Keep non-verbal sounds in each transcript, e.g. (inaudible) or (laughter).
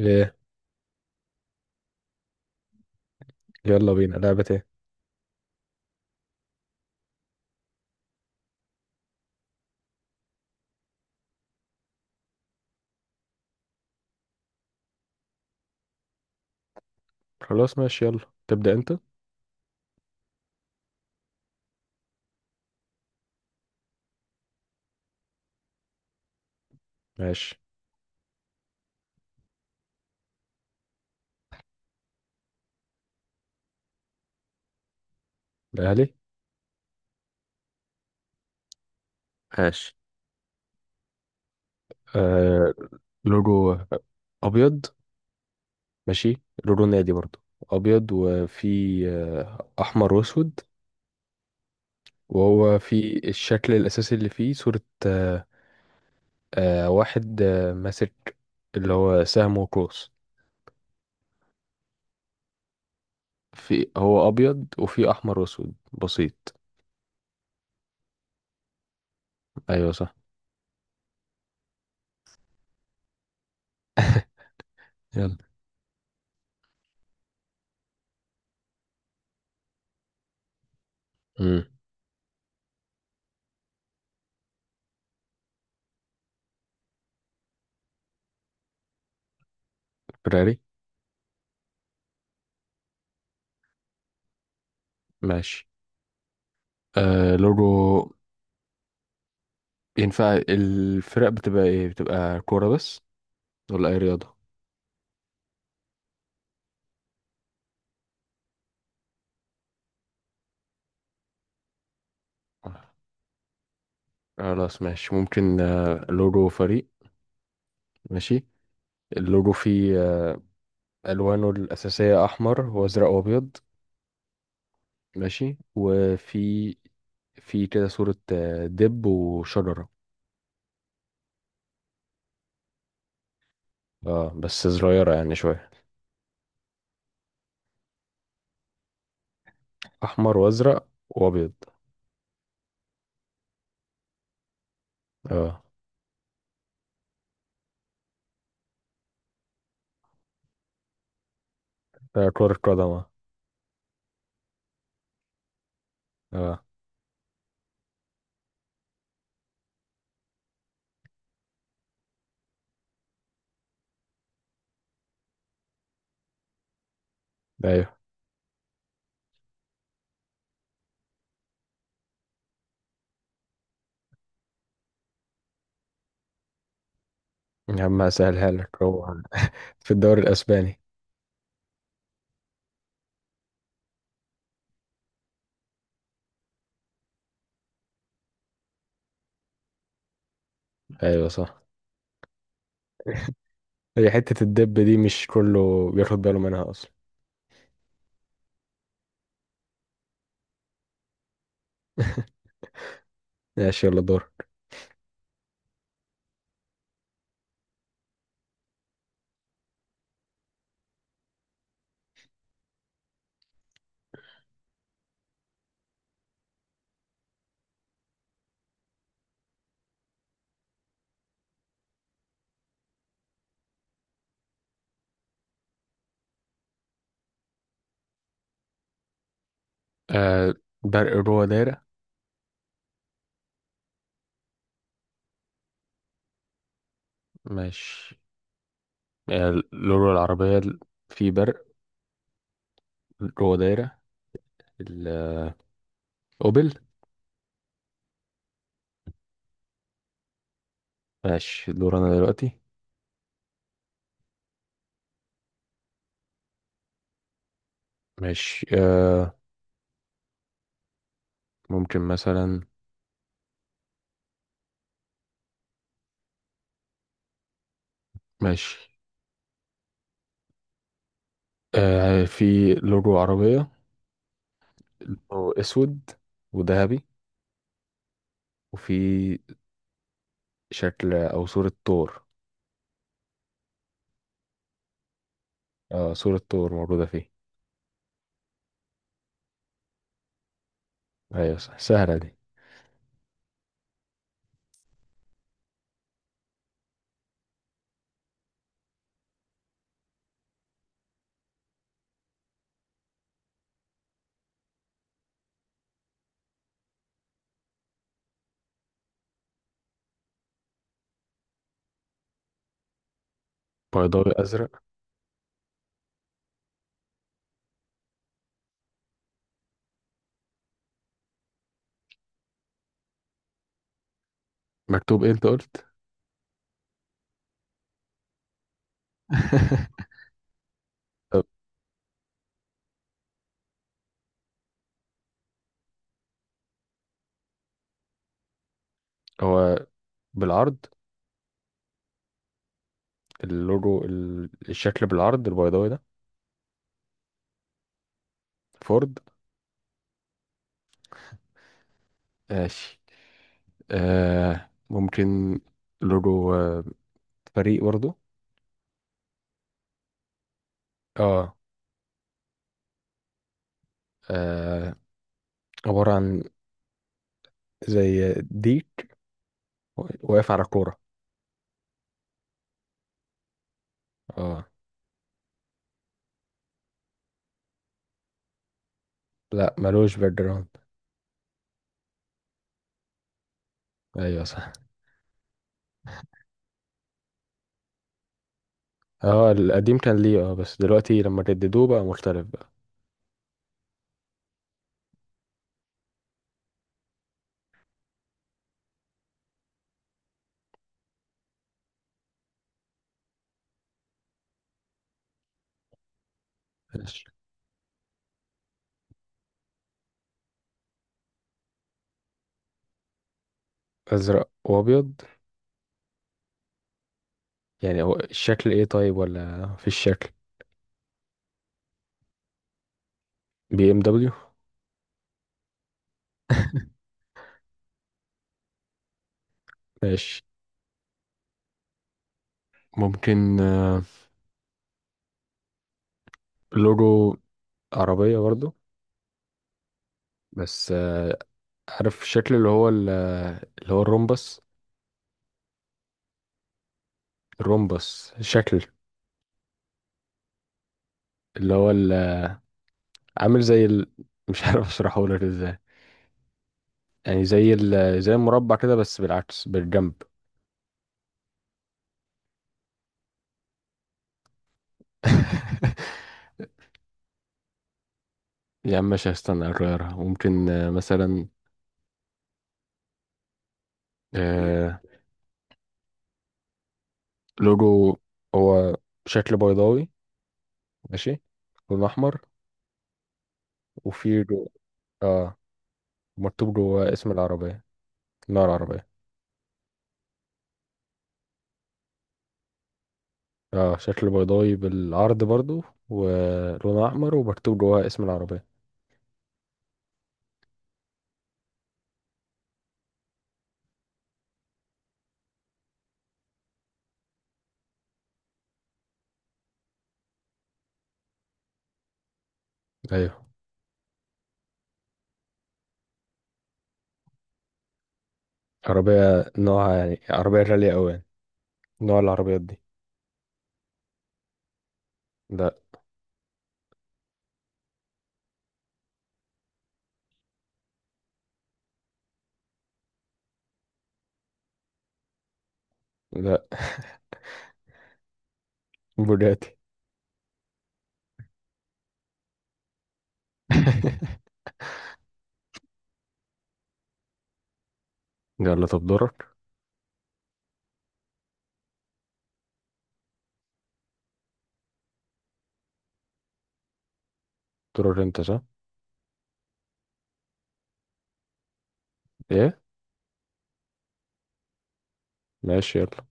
ايه. يلا بينا، لعبة ايه؟ خلاص ماشي، يلا. تبدأ انت. ماشي. الاهلي. ماشي. آه لوجو ابيض. ماشي، لوجو نادي برضو. ابيض، وفي احمر واسود، وهو في الشكل الاساسي اللي فيه صورة. آه واحد ماسك، اللي هو سهم وقوس. في هو ابيض، وفي احمر واسود بسيط. ايوه صح. يلا. امم فراري. ماشي. لوجو. ينفع الفرق بتبقى ايه؟ بتبقى كورة بس ولا اي رياضة؟ آه، خلاص ماشي، ممكن لورو فريق. ماشي. اللورو فيه، ألوانه الأساسية أحمر وأزرق وأبيض. ماشي وفي كده صورة دب وشجرة. اه، بس صغيرة يعني شوية. أحمر وأزرق وأبيض. اه. كرة قدم، اه. آه. أيوه. يا عم هسهلها لك، هو في الدوري الأسباني. أيوه صح. هي حتة الدب دي مش كله بياخد باله منها أصلا. ماشي، يلا دور. آه برق جوه دايرة. مش، لورا العربية، في برق جوه دايرة، الأوبل. ماشي، دور أنا دلوقتي. ماشي ممكن مثلا. ماشي. في لورو عربية، لونه أسود وذهبي، وفي شكل أو صورة طور. صورة طور موجودة فيه. أيوة صح. سهلة دي. بيضاوي أزرق. مكتوب إيه أنت قلت؟ (laughs) أه، هو بالعرض. اللوجو الشكل بالعرض البيضاوي ده. فورد. ماشي ممكن لوجو، فريق برضو. اه. آه، عبارة عن زي ديك واقف على كورة. اه. لا، ملوش باك جراوند. ايوه صح. اه، القديم كان ليه، اه بس دلوقتي لما جددوه بقى مختلف بقى. ماشي. ازرق وابيض. يعني هو الشكل ايه طيب؟ ولا في الشكل. بي ام دبليو. ماشي، ممكن لوجو عربية برضو، بس عارف الشكل اللي هو الرومبس. الرومبس الشكل. اللي هو عامل مش عارف اشرحه لك ازاي. يعني زي المربع كده بس بالعكس، بالجنب. (laughs) يا عم ماشي، هستنى اغيرها. ممكن مثلا آه، لوجو هو شكل بيضاوي. ماشي. لون احمر، وفي اه، مكتوب جواه اسم العربية. نوع العربية. اه، شكل بيضاوي بالعرض برضو، ولونها احمر ومكتوب جواها اسم العربيه. ايوه، عربيه، نوعها يعني عربيه غاليه قوي يعني. نوع العربيات دي. لا. لا، بوجاتي. (laughs) يلا طب دورك. دورك انت صح. ايه. ماشي يلا.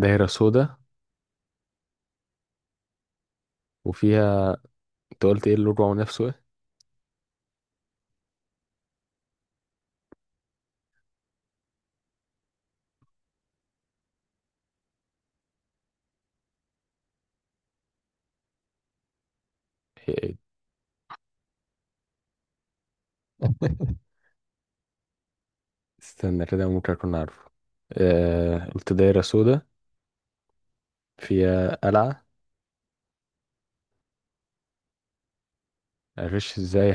دايره سودا، وفيها، انت قلت ايه اللوجو نفسه ايه؟ هي إيه؟ (laughs) استنى كده، ممكن اكون عارفه. قلت دايره سودا، فيها قلعه. معرفش ازاي.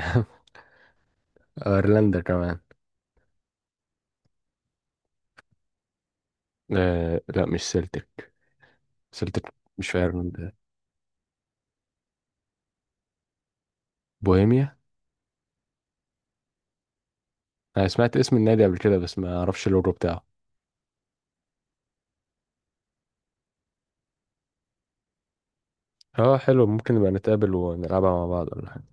(laughs) ايرلندا كمان. لا، مش سلتك. سيلتيك مش فايرلاند. بوهيميا. انا سمعت اسم النادي قبل كده، بس ما اعرفش اللوجو بتاعه. اه حلو، ممكن نبقى نتقابل ونلعبها مع بعض ولا حاجة.